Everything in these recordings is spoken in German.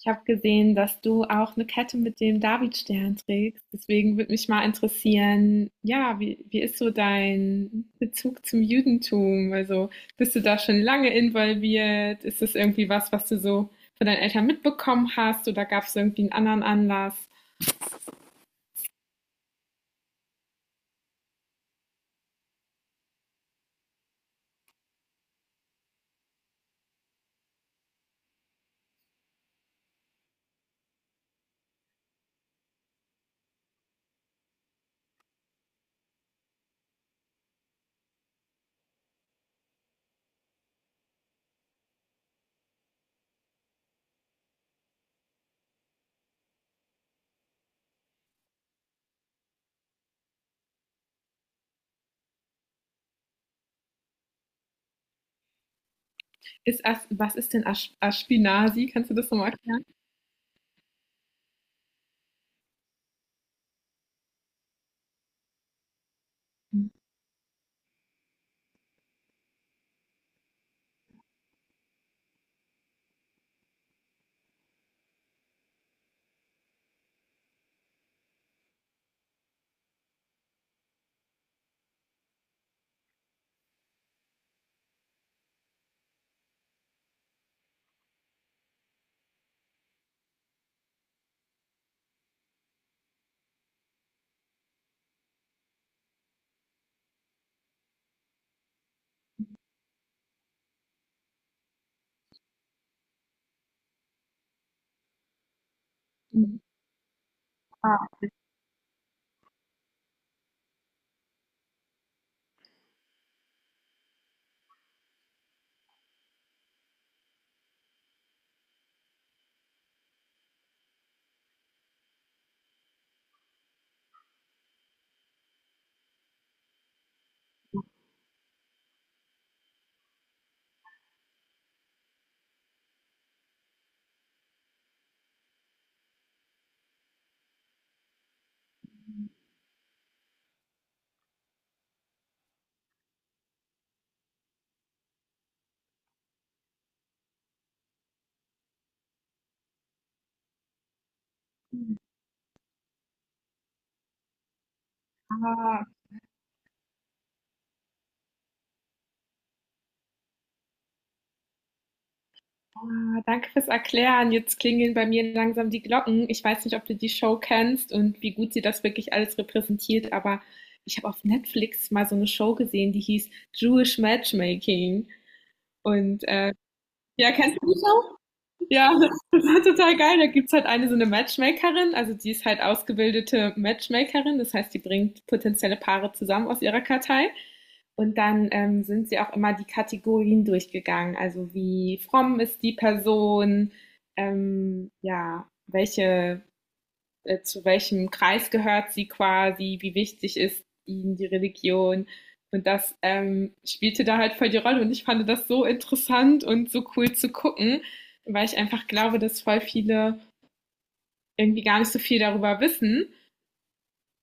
Ich habe gesehen, dass du auch eine Kette mit dem Davidstern trägst. Deswegen würde mich mal interessieren, ja, wie ist so dein Bezug zum Judentum? Also bist du da schon lange involviert? Ist das irgendwie was, was du so von deinen Eltern mitbekommen hast? Oder gab es irgendwie einen anderen Anlass? Ist As was ist denn Ash Ashkenazi? Kannst du das nochmal erklären? Ah, ah, ah. Danke fürs Erklären. Jetzt klingeln bei mir langsam die Glocken. Ich weiß nicht, ob du die Show kennst und wie gut sie das wirklich alles repräsentiert, aber ich habe auf Netflix mal so eine Show gesehen, die hieß Jewish Matchmaking. Und ja, kennst du die Show? Ja, das war total geil. Da gibt's halt eine so eine Matchmakerin, also die ist halt ausgebildete Matchmakerin, das heißt, die bringt potenzielle Paare zusammen aus ihrer Kartei. Und dann sind sie auch immer die Kategorien durchgegangen, also wie fromm ist die Person, ja, welche zu welchem Kreis gehört sie quasi, wie wichtig ist ihnen die Religion. Und das spielte da halt voll die Rolle. Und ich fand das so interessant und so cool zu gucken, weil ich einfach glaube, dass voll viele irgendwie gar nicht so viel darüber wissen.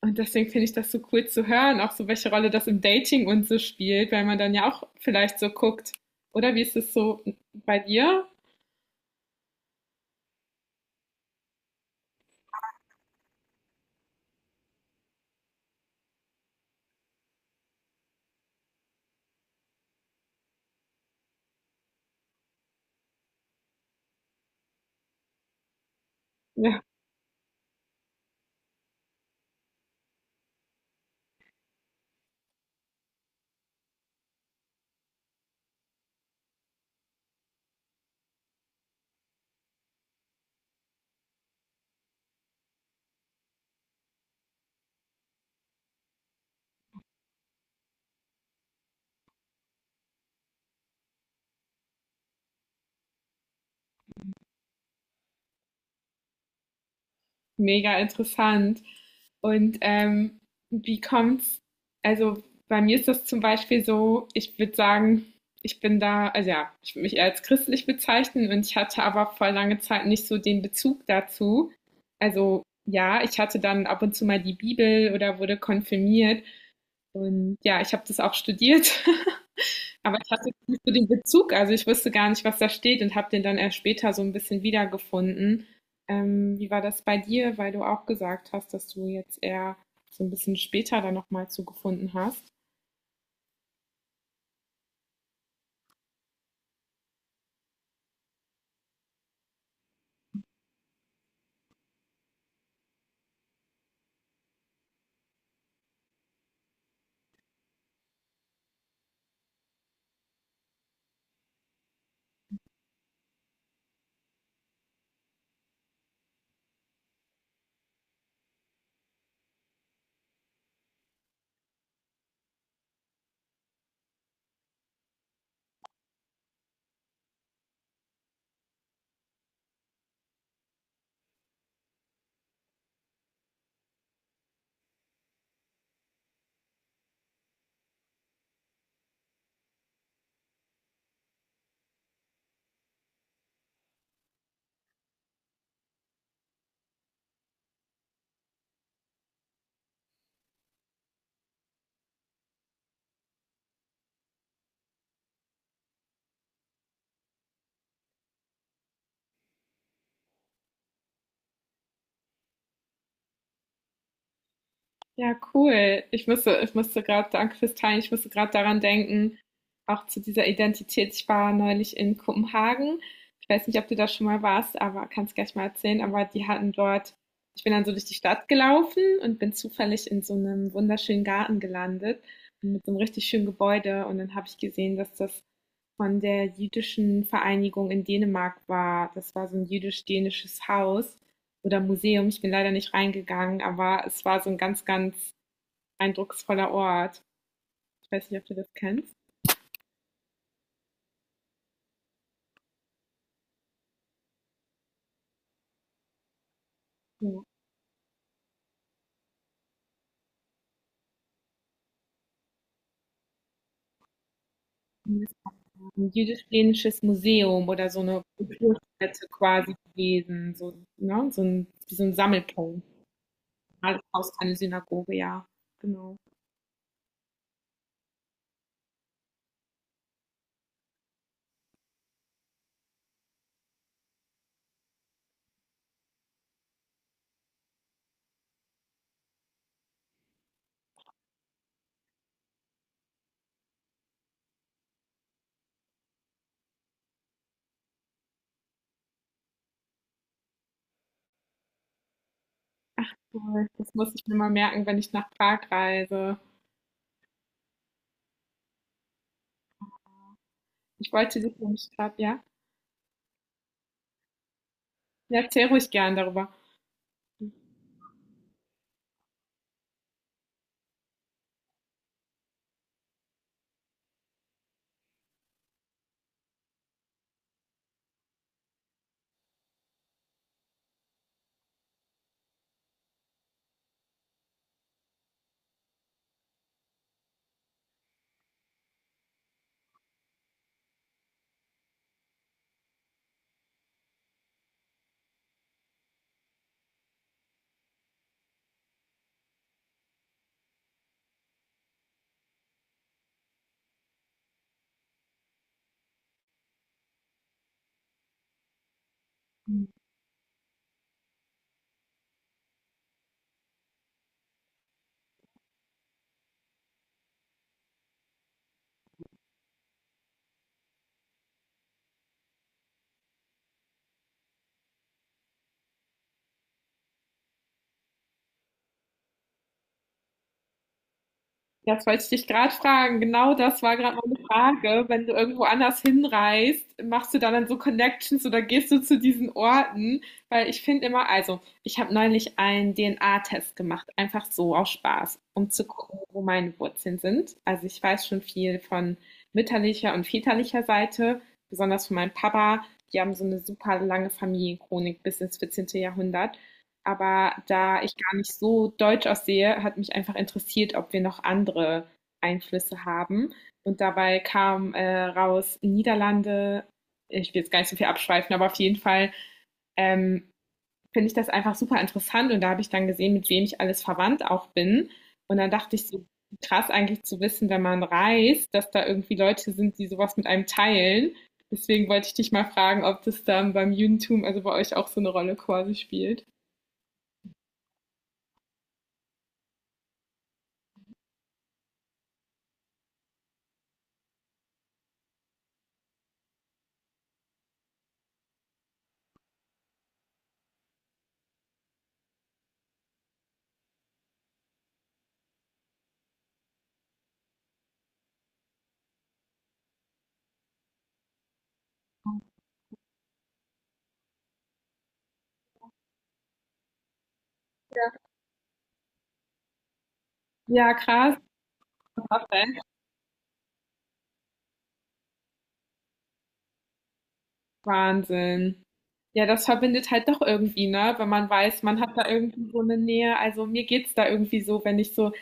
Und deswegen finde ich das so cool zu hören, auch so welche Rolle das im Dating und so spielt, weil man dann ja auch vielleicht so guckt. Oder wie ist es so bei dir? Ja. Mega interessant. Und wie kommt's? Also bei mir ist das zum Beispiel so, ich würde sagen, ich bin da, also ja, ich würde mich eher als christlich bezeichnen und ich hatte aber vor lange Zeit nicht so den Bezug dazu. Also ja, ich hatte dann ab und zu mal die Bibel oder wurde konfirmiert und ja, ich habe das auch studiert. Aber ich hatte nicht so den Bezug, also ich wusste gar nicht, was da steht und habe den dann erst später so ein bisschen wiedergefunden. Wie war das bei dir, weil du auch gesagt hast, dass du jetzt eher so ein bisschen später dann nochmal zugefunden hast? Ja, cool. Ich musste gerade, danke fürs Teilen, ich musste gerade daran denken, auch zu dieser Identität. Ich war neulich in Kopenhagen. Ich weiß nicht, ob du da schon mal warst, aber kannst gleich mal erzählen. Aber die hatten dort, ich bin dann so durch die Stadt gelaufen und bin zufällig in so einem wunderschönen Garten gelandet mit so einem richtig schönen Gebäude. Und dann habe ich gesehen, dass das von der jüdischen Vereinigung in Dänemark war. Das war so ein jüdisch-dänisches Haus oder Museum. Ich bin leider nicht reingegangen, aber es war so ein ganz, ganz eindrucksvoller Ort. Ich weiß nicht, ob du das kennst. Ja. Ein jüdisch-plenisches Museum oder so eine Kulturstätte quasi gewesen. So, ne? So, ein, so ein Sammelpunkt. Alles aus einer Synagoge, ja. Genau. Toll. Das muss ich mir mal merken, wenn ich nach Prag reise. Ich wollte dich nämlich gerade, ja? Ja, erzähl ruhig gern darüber. Das wollte ich dich gerade fragen. Genau das war gerade meine Frage. Wenn du irgendwo anders hinreist, machst du da dann so Connections oder gehst du zu diesen Orten? Weil ich finde immer, also ich habe neulich einen DNA-Test gemacht, einfach so aus Spaß, um zu gucken, wo meine Wurzeln sind. Also ich weiß schon viel von mütterlicher und väterlicher Seite, besonders von meinem Papa. Die haben so eine super lange Familienchronik bis ins 14. Jahrhundert. Aber da ich gar nicht so deutsch aussehe, hat mich einfach interessiert, ob wir noch andere Einflüsse haben. Und dabei kam raus Niederlande. Ich will jetzt gar nicht so viel abschweifen, aber auf jeden Fall ähm, finde ich das einfach super interessant. Und da habe ich dann gesehen, mit wem ich alles verwandt auch bin. Und dann dachte ich so, krass eigentlich zu wissen, wenn man reist, dass da irgendwie Leute sind, die sowas mit einem teilen. Deswegen wollte ich dich mal fragen, ob das dann beim Judentum, also bei euch auch so eine Rolle quasi spielt. Ja, krass. Okay. Wahnsinn. Ja, das verbindet halt doch irgendwie, ne? Wenn man weiß, man hat da irgendwie so eine Nähe. Also mir geht's da irgendwie so, wenn ich so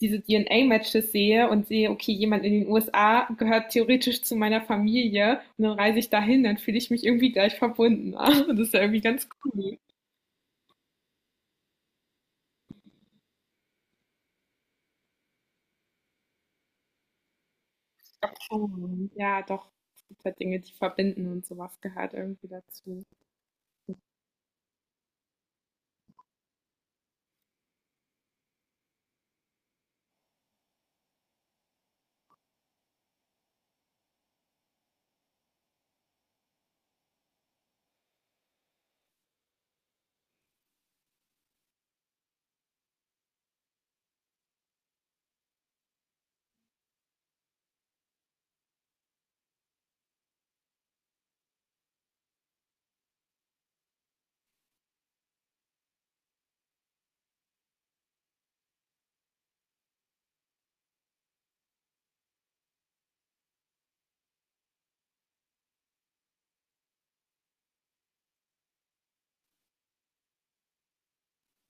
diese DNA-Matches sehe und sehe, okay, jemand in den USA gehört theoretisch zu meiner Familie und dann reise ich dahin, dann fühle ich mich irgendwie gleich verbunden. Das ist ja irgendwie ganz cool. Oh, ja, doch. Es gibt halt Dinge, die verbinden und sowas gehört irgendwie dazu.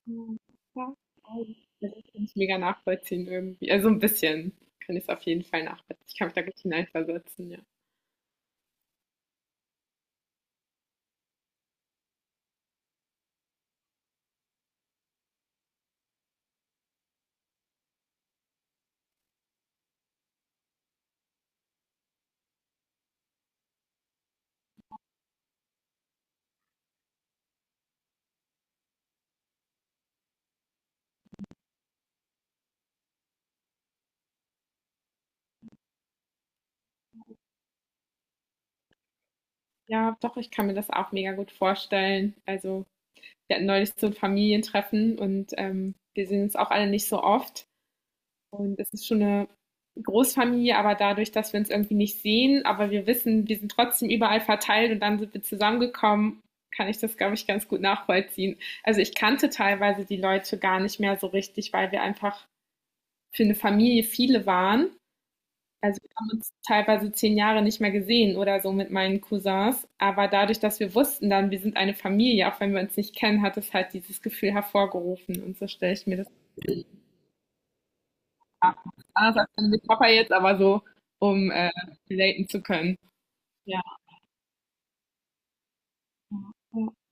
Mhm. Ja, also ich kann es mega nachvollziehen irgendwie. Also ein bisschen kann ich es auf jeden Fall nachvollziehen. Ich kann mich da gut hineinversetzen, ja. Ja, doch, ich kann mir das auch mega gut vorstellen. Also wir hatten neulich so ein Familientreffen und wir sehen uns auch alle nicht so oft. Und es ist schon eine Großfamilie, aber dadurch, dass wir uns irgendwie nicht sehen, aber wir wissen, wir sind trotzdem überall verteilt und dann sind wir zusammengekommen, kann ich das, glaube ich, ganz gut nachvollziehen. Also ich kannte teilweise die Leute gar nicht mehr so richtig, weil wir einfach für eine Familie viele waren. Also wir haben uns teilweise zehn Jahre nicht mehr gesehen oder so mit meinen Cousins. Aber dadurch, dass wir wussten dann, wir sind eine Familie, auch wenn wir uns nicht kennen, hat es halt dieses Gefühl hervorgerufen. Und so stelle ich mir das vor. Anders als mit Papa jetzt, aber so, um relaten zu können. Ja. Ja.